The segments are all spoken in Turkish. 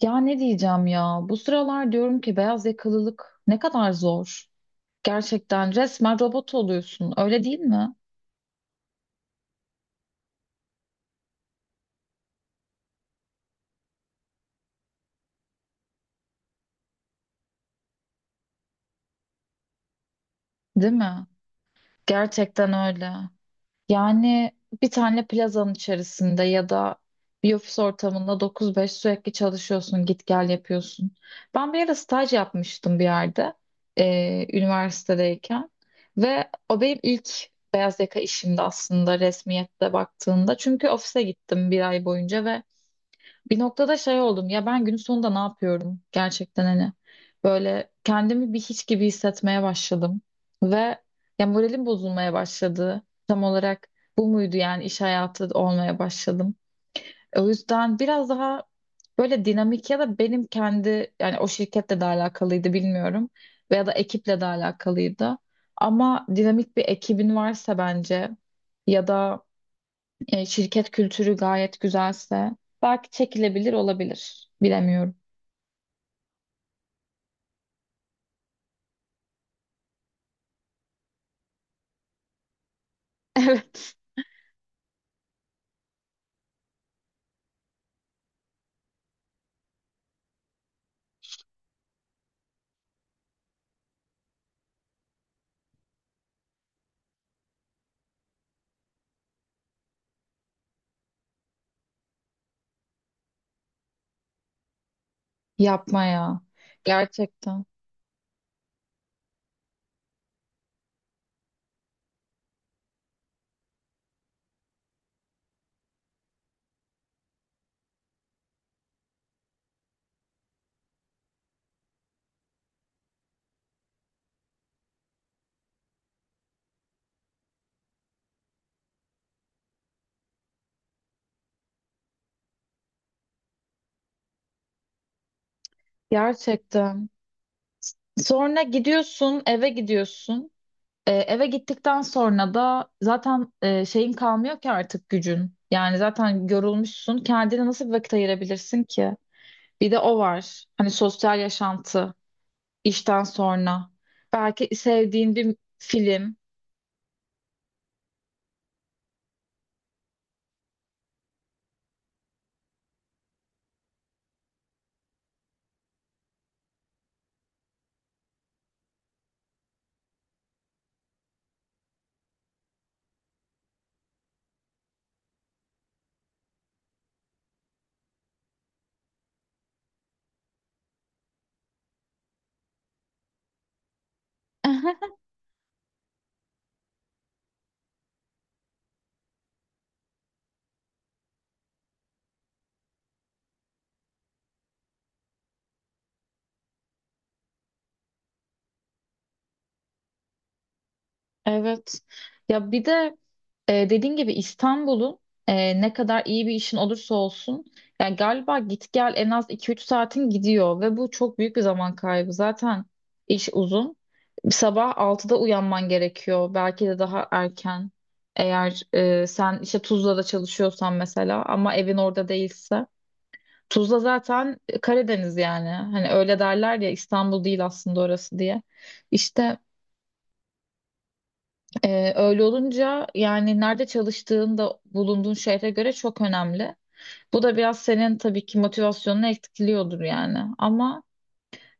Ya ne diyeceğim ya? Bu sıralar diyorum ki beyaz yakalılık ne kadar zor. Gerçekten resmen robot oluyorsun. Öyle değil mi? Değil mi? Gerçekten öyle. Yani bir tane plazanın içerisinde ya da bir ofis ortamında 9-5 sürekli çalışıyorsun, git gel yapıyorsun. Ben bir ara staj yapmıştım bir yerde üniversitedeyken ve o benim ilk beyaz yaka işimdi aslında resmiyette baktığında. Çünkü ofise gittim bir ay boyunca ve bir noktada şey oldum ya ben günün sonunda ne yapıyorum gerçekten hani böyle kendimi bir hiç gibi hissetmeye başladım ve ya moralim bozulmaya başladı tam olarak bu muydu yani iş hayatı olmaya başladım o yüzden biraz daha böyle dinamik ya da benim kendi yani o şirketle de alakalıydı bilmiyorum veya da ekiple de alakalıydı ama dinamik bir ekibin varsa bence ya da şirket kültürü gayet güzelse belki çekilebilir olabilir. Bilemiyorum. Evet. Yapma ya. Gerçekten. Gerçekten. Sonra gidiyorsun, eve gidiyorsun. Eve gittikten sonra da zaten şeyin kalmıyor ki artık gücün. Yani zaten yorulmuşsun. Kendine nasıl bir vakit ayırabilirsin ki? Bir de o var. Hani sosyal yaşantı işten sonra. Belki sevdiğin bir film. Evet. Ya bir de dediğin gibi İstanbul'un ne kadar iyi bir işin olursa olsun yani galiba git gel en az iki üç saatin gidiyor ve bu çok büyük bir zaman kaybı. Zaten iş uzun. Sabah altıda uyanman gerekiyor. Belki de daha erken. Eğer sen işte Tuzla'da çalışıyorsan mesela ama evin orada değilse. Tuzla zaten Karadeniz yani. Hani öyle derler ya İstanbul değil aslında orası diye. İşte öyle olunca yani nerede çalıştığın da bulunduğun şehre göre çok önemli. Bu da biraz senin tabii ki motivasyonunu etkiliyordur yani. Ama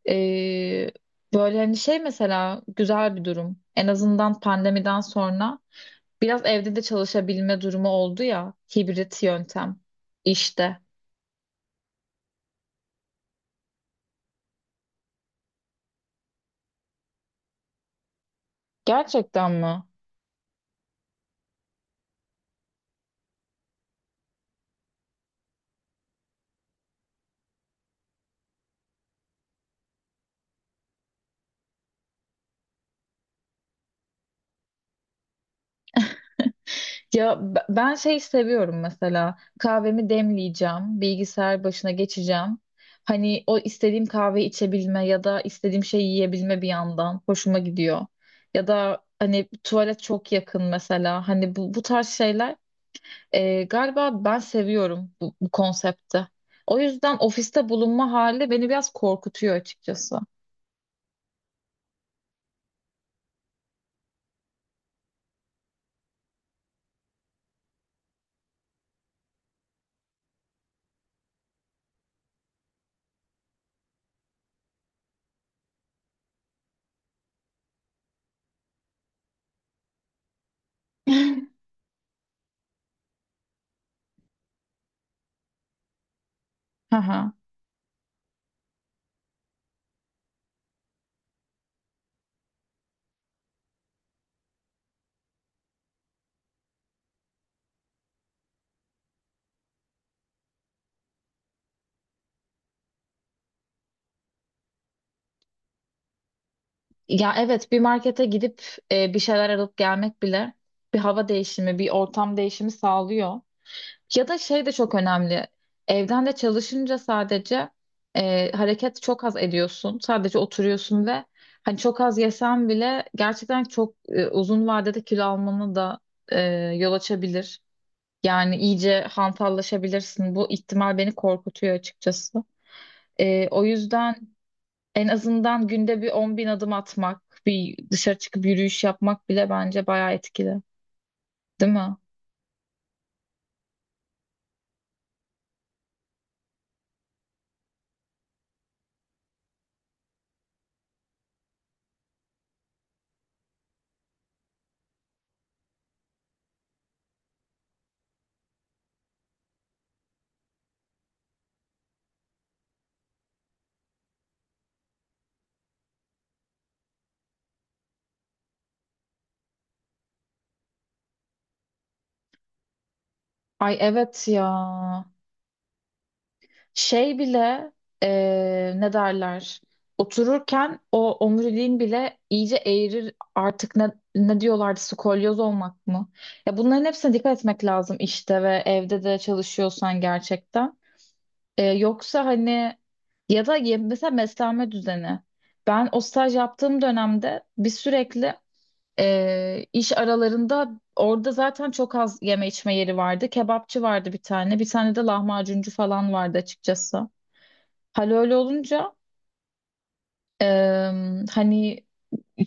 ee, böyle hani şey mesela güzel bir durum. En azından pandemiden sonra biraz evde de çalışabilme durumu oldu ya hibrit yöntem işte. Gerçekten mi? Ya ben şey seviyorum mesela kahvemi demleyeceğim, bilgisayar başına geçeceğim. Hani o istediğim kahve içebilme ya da istediğim şeyi yiyebilme bir yandan hoşuma gidiyor. Ya da hani tuvalet çok yakın mesela hani bu tarz şeyler galiba ben seviyorum bu konsepti. O yüzden ofiste bulunma hali beni biraz korkutuyor açıkçası. Hı hı. Ya evet bir markete gidip bir şeyler alıp gelmek bile bir hava değişimi, bir ortam değişimi sağlıyor. Ya da şey de çok önemli. Evden de çalışınca sadece hareket çok az ediyorsun. Sadece oturuyorsun ve hani çok az yesen bile gerçekten çok uzun vadede kilo almanı da e, yol açabilir. Yani iyice hantallaşabilirsin. Bu ihtimal beni korkutuyor açıkçası. O yüzden en azından günde bir 10.000 adım atmak, bir dışarı çıkıp yürüyüş yapmak bile bence bayağı etkili, değil mi? Ay evet ya. Şey bile ne derler? Otururken o omuriliğin bile iyice eğrir artık ne diyorlardı skolyoz olmak mı? Ya bunların hepsine dikkat etmek lazım işte ve evde de çalışıyorsan gerçekten. Yoksa hani ya da mesela beslenme düzeni. Ben o staj yaptığım dönemde bir sürekli iş aralarında orada zaten çok az yeme içme yeri vardı. Kebapçı vardı bir tane. Bir tane de lahmacuncu falan vardı açıkçası. Hal öyle olunca hani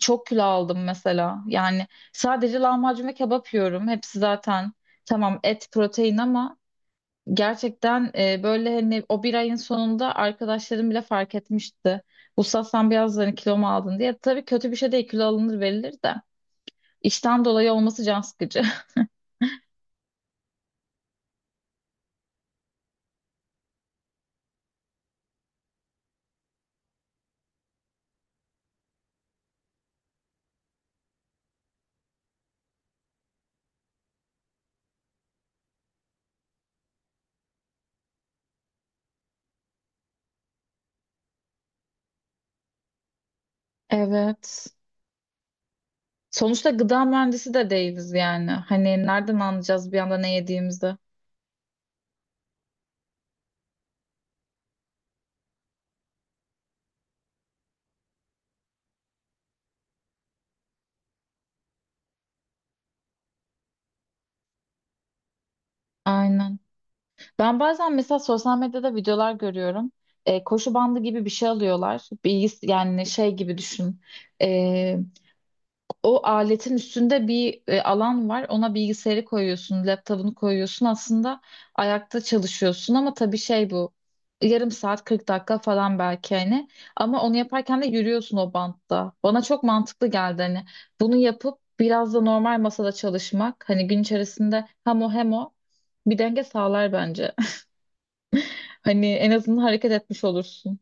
çok kilo aldım mesela. Yani sadece lahmacun ve kebap yiyorum. Hepsi zaten tamam et protein ama gerçekten böyle hani o bir ayın sonunda arkadaşlarım bile fark etmişti. Usta sen biraz hani kilo mu aldın diye. Tabii kötü bir şey değil kilo alınır verilir de. İşten dolayı olması can sıkıcı. Evet. Sonuçta gıda mühendisi de değiliz yani. Hani nereden anlayacağız bir anda ne yediğimizi? Aynen. Ben bazen mesela sosyal medyada videolar görüyorum. Koşu bandı gibi bir şey alıyorlar. Bilgis yani şey gibi düşün. E, o aletin üstünde bir alan var. Ona bilgisayarı koyuyorsun, laptopunu koyuyorsun. Aslında ayakta çalışıyorsun ama tabii şey bu. Yarım saat 40 dakika falan belki hani. Ama onu yaparken de yürüyorsun o bantta. Bana çok mantıklı geldi hani. Bunu yapıp biraz da normal masada çalışmak. Hani gün içerisinde hem o hem o bir denge sağlar bence. Hani en azından hareket etmiş olursun.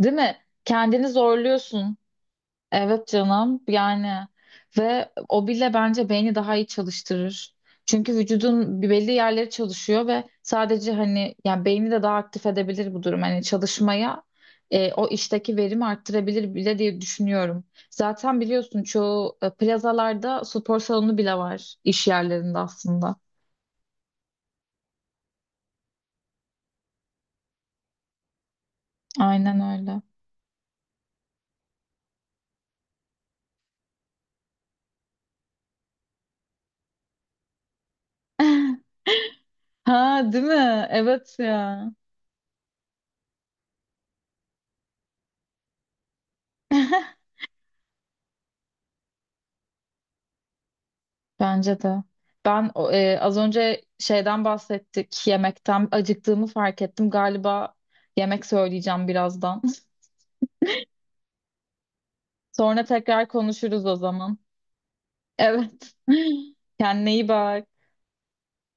Değil mi? Kendini zorluyorsun. Evet canım yani ve o bile bence beyni daha iyi çalıştırır. Çünkü vücudun bir belli yerleri çalışıyor ve sadece hani yani beyni de daha aktif edebilir bu durum. Hani çalışmaya o işteki verimi arttırabilir bile diye düşünüyorum. Zaten biliyorsun çoğu plazalarda spor salonu bile var iş yerlerinde aslında. Aynen öyle. Ha değil mi? Evet ya. Bence de. Ben az önce şeyden bahsettik, yemekten acıktığımı fark ettim. Galiba yemek söyleyeceğim birazdan. Sonra tekrar konuşuruz o zaman. Evet. Kendine iyi bak.